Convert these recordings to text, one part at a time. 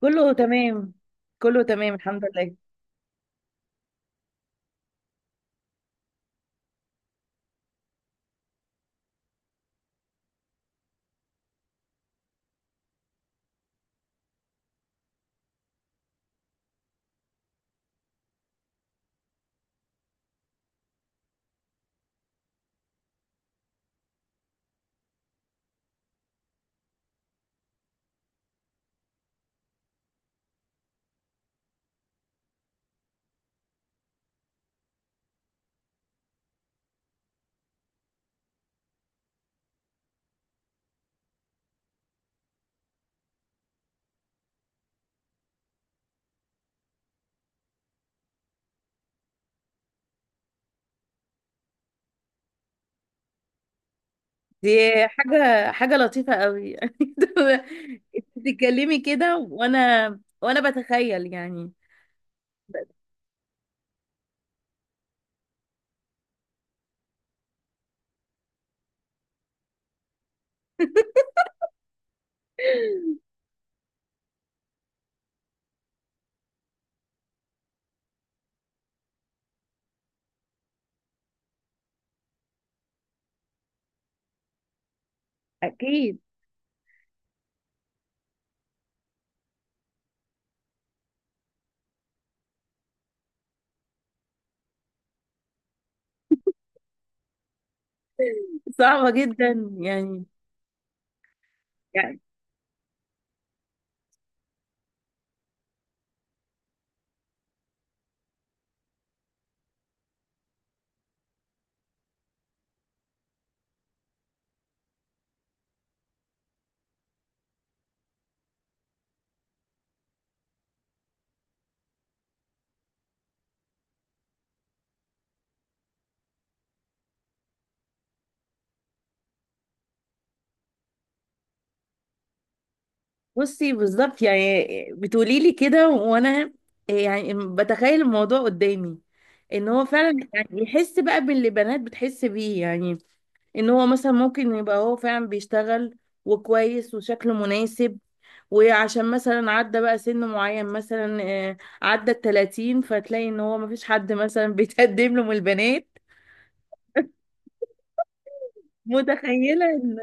كله تمام. كله تمام الحمد لله. دي حاجة لطيفة قوي. يعني انت بتتكلمي كده وانا بتخيل يعني. اكيد. صعبة جدا يعني بصي، بالظبط يعني، بتقولي لي كده وانا يعني بتخيل الموضوع قدامي. ان هو فعلا يعني يحس بقى باللي بنات بتحس بيه يعني. ان هو مثلا ممكن يبقى هو فعلا بيشتغل، وكويس، وشكله مناسب، وعشان مثلا عدى بقى سن معين مثلا عدى التلاتين، فتلاقي ان هو مفيش حد مثلا بيتقدم له من البنات. متخيلة ان.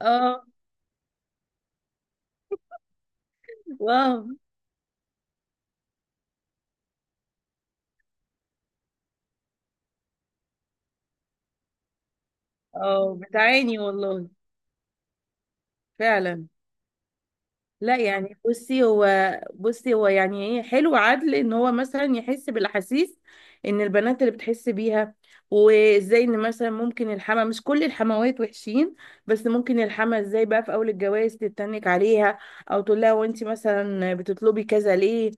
اه. واو. اه، بتعاني والله. فعلا. لا يعني، بصي هو، يعني ايه حلو عدل ان هو مثلا يحس بالاحاسيس ان البنات اللي بتحس بيها. وازاي ان مثلا ممكن الحما، مش كل الحموات وحشين، بس ممكن الحما ازاي بقى في اول الجواز تتنك عليها. او تقول لها وانت مثلا بتطلبي كذا ليه؟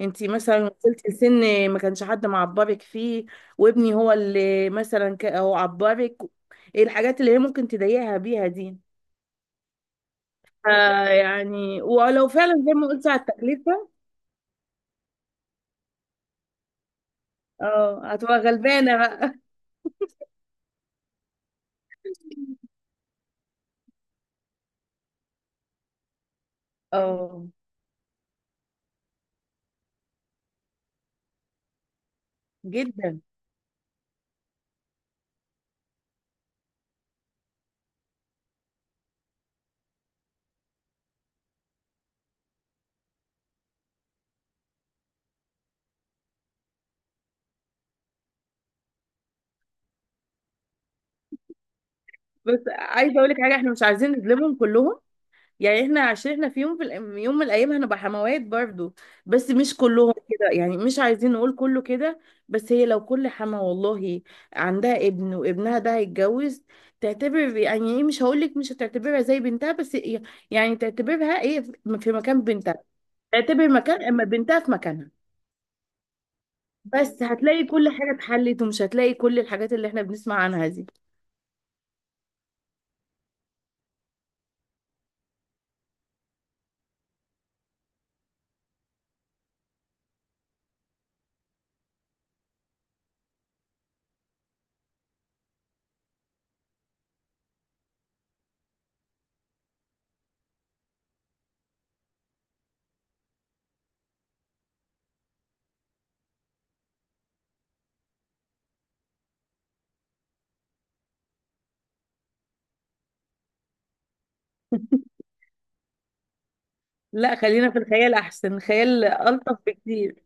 انت مثلا وصلتي لسن ما كانش حد معبرك فيه، وابني هو اللي مثلا هو عبرك. ايه الحاجات اللي هي ممكن تضايقها بيها دي؟ آه، يعني ولو فعلا زي ما قلت على التكلفة. اه، هتبقى غلبانة بقى. اه. جدا. بس عايزة اقول لك حاجة، احنا مش عايزين نظلمهم كلهم. يعني احنا عشان احنا في يوم في الأيام- يوم من الايام هنبقى حموات برضو. بس مش كلهم كده، يعني مش عايزين نقول كله كده. بس هي لو كل حما والله عندها ابن وابنها ده هيتجوز، تعتبر يعني ايه، مش هقول لك مش هتعتبرها زي بنتها، بس يعني تعتبرها ايه، في مكان بنتها. تعتبر مكان اما بنتها في مكانها. بس هتلاقي كل حاجة اتحلت، ومش هتلاقي كل الحاجات اللي احنا بنسمع عنها دي. لا، خلينا في الخيال احسن، خيال الطف بكتير.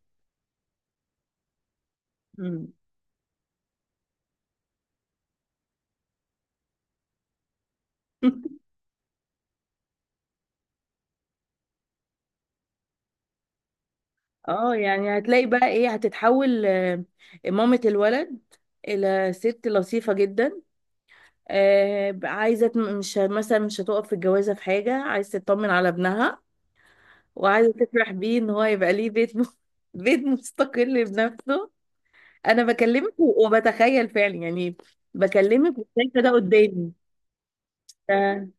مم. اه، يعني هتلاقي بقى ايه، هتتحول مامة الولد الى ست لطيفة جدا. عايزة مش مثلا مش هتقف في الجوازة في حاجة، عايزة تطمن على ابنها، وعايزة تفرح بيه ان هو يبقى ليه بيت بيت مستقل بنفسه. انا بكلمك وبتخيل فعلا يعني. بكلمك وشايفة ده قدامي. ف-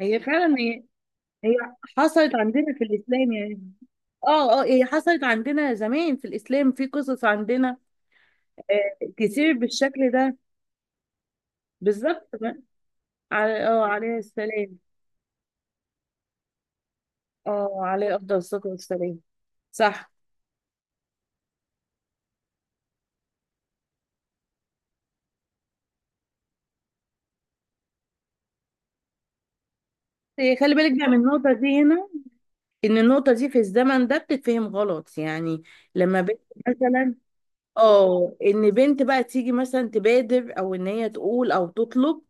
هي فعلا، هي. هي حصلت عندنا في الاسلام يعني. اه، اه، هي حصلت عندنا زمان في الاسلام، في قصص عندنا كتير بالشكل ده. بالظبط. على اه عليه السلام. اه، عليه افضل الصلاه والسلام. صح. إيه، خلي بالك بقى من النقطة دي هنا. إن النقطة دي في الزمن ده بتتفهم غلط يعني لما بنت مثلا اه، ان بنت بقى تيجي مثلا تبادر او ان هي تقول او تطلب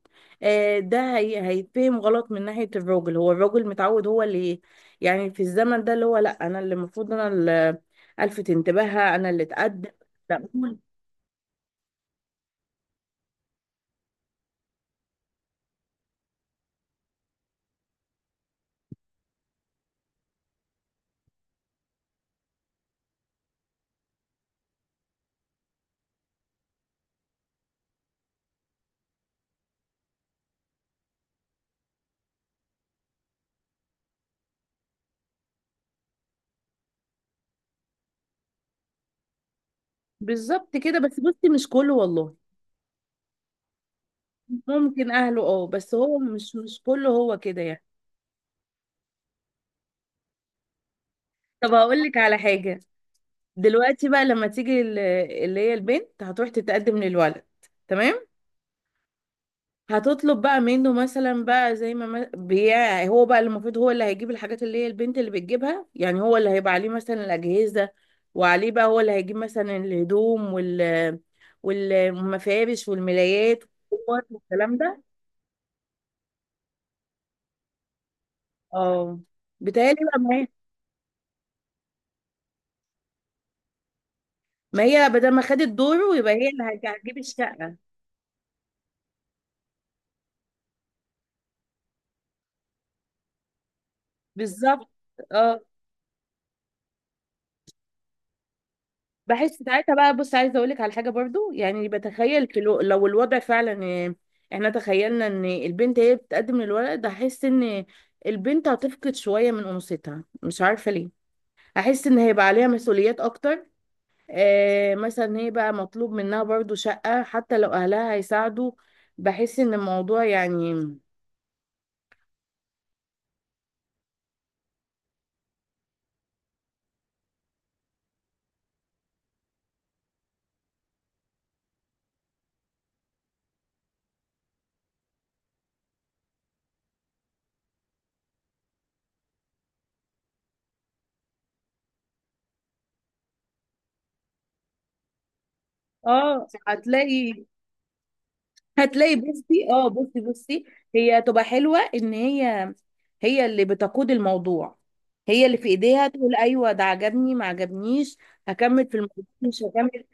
ده هي هيتفهم غلط من ناحية الراجل. هو الراجل متعود هو اللي، يعني في الزمن ده اللي هو، لا انا اللي المفروض، انا اللي الفت انتباهها، انا اللي اتقدم. لا هو. بالظبط كده، بس بصي مش كله والله. ممكن اهله، اه، بس هو مش كله هو كده يعني. طب هقول لك على حاجة. دلوقتي بقى لما تيجي اللي هي البنت هتروح تتقدم للولد. تمام. هتطلب بقى منه مثلا بقى، زي ما بيع، هو بقى اللي المفروض، هو اللي هيجيب الحاجات اللي هي البنت اللي بتجيبها، يعني هو اللي هيبقى عليه مثلا الأجهزة، وعليه بقى هو اللي هيجيب مثلا الهدوم والمفارش والملايات والكور والكلام ده. اه، بيتهيألي بقى ما هي بدل ما خدت دوره يبقى هي اللي هتجيب الشقة. بالظبط. اه. بحس ساعتها بقى، بص عايزه اقول لك على حاجه برضو، يعني بتخيل في لو الوضع فعلا احنا تخيلنا ان البنت هي بتقدم الورق ده، هحس ان البنت هتفقد شويه من انوثتها، مش عارفه ليه. هحس ان هيبقى عليها مسؤوليات اكتر. آه، مثلا هي بقى مطلوب منها برضو شقه، حتى لو اهلها هيساعدوا. بحس ان الموضوع يعني. اه. هتلاقي بصي، اه، بصي بصي، هي تبقى حلوة ان هي، هي اللي بتقود الموضوع. هي اللي في ايديها تقول ايوه ده عجبني ما عجبنيش، هكمل في الموضوع مش هكمل.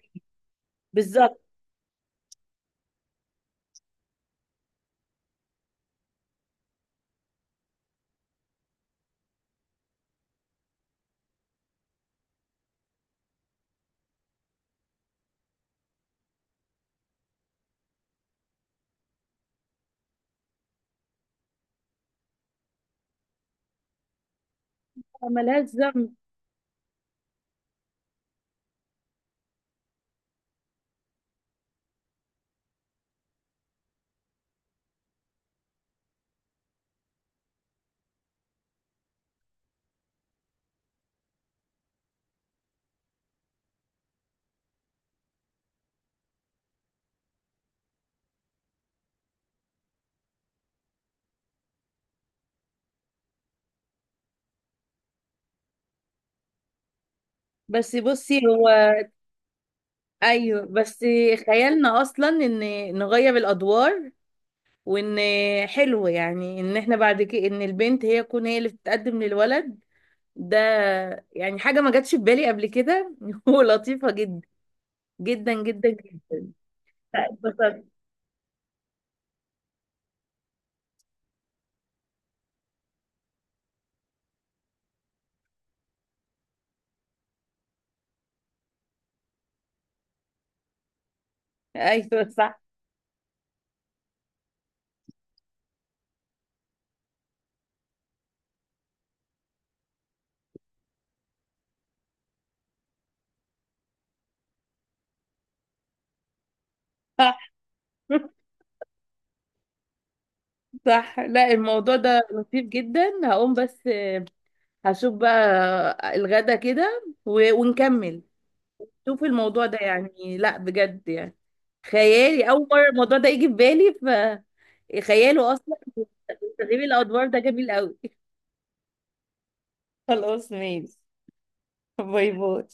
بالظبط. ملهاش ذنب. بس بصي هو. ايوه بس. خيالنا اصلا ان نغير الادوار، وان حلو يعني ان احنا بعد كده ان البنت هي تكون هي اللي بتتقدم للولد ده. يعني حاجة ما جاتش في بالي قبل كده. ولطيفة جدا. جدا جدا جدا. لا، اتبسطت. ايوه، صح. صح. صح، لا الموضوع ده لطيف جدا. هقوم بس، هشوف بقى الغدا كده ونكمل. شوف الموضوع ده يعني، لا بجد يعني خيالي، اول مره الموضوع ده يجي في بالي، فخياله اصلا. تغيير الادوار ده جميل قوي. خلاص ماشي. باي باي.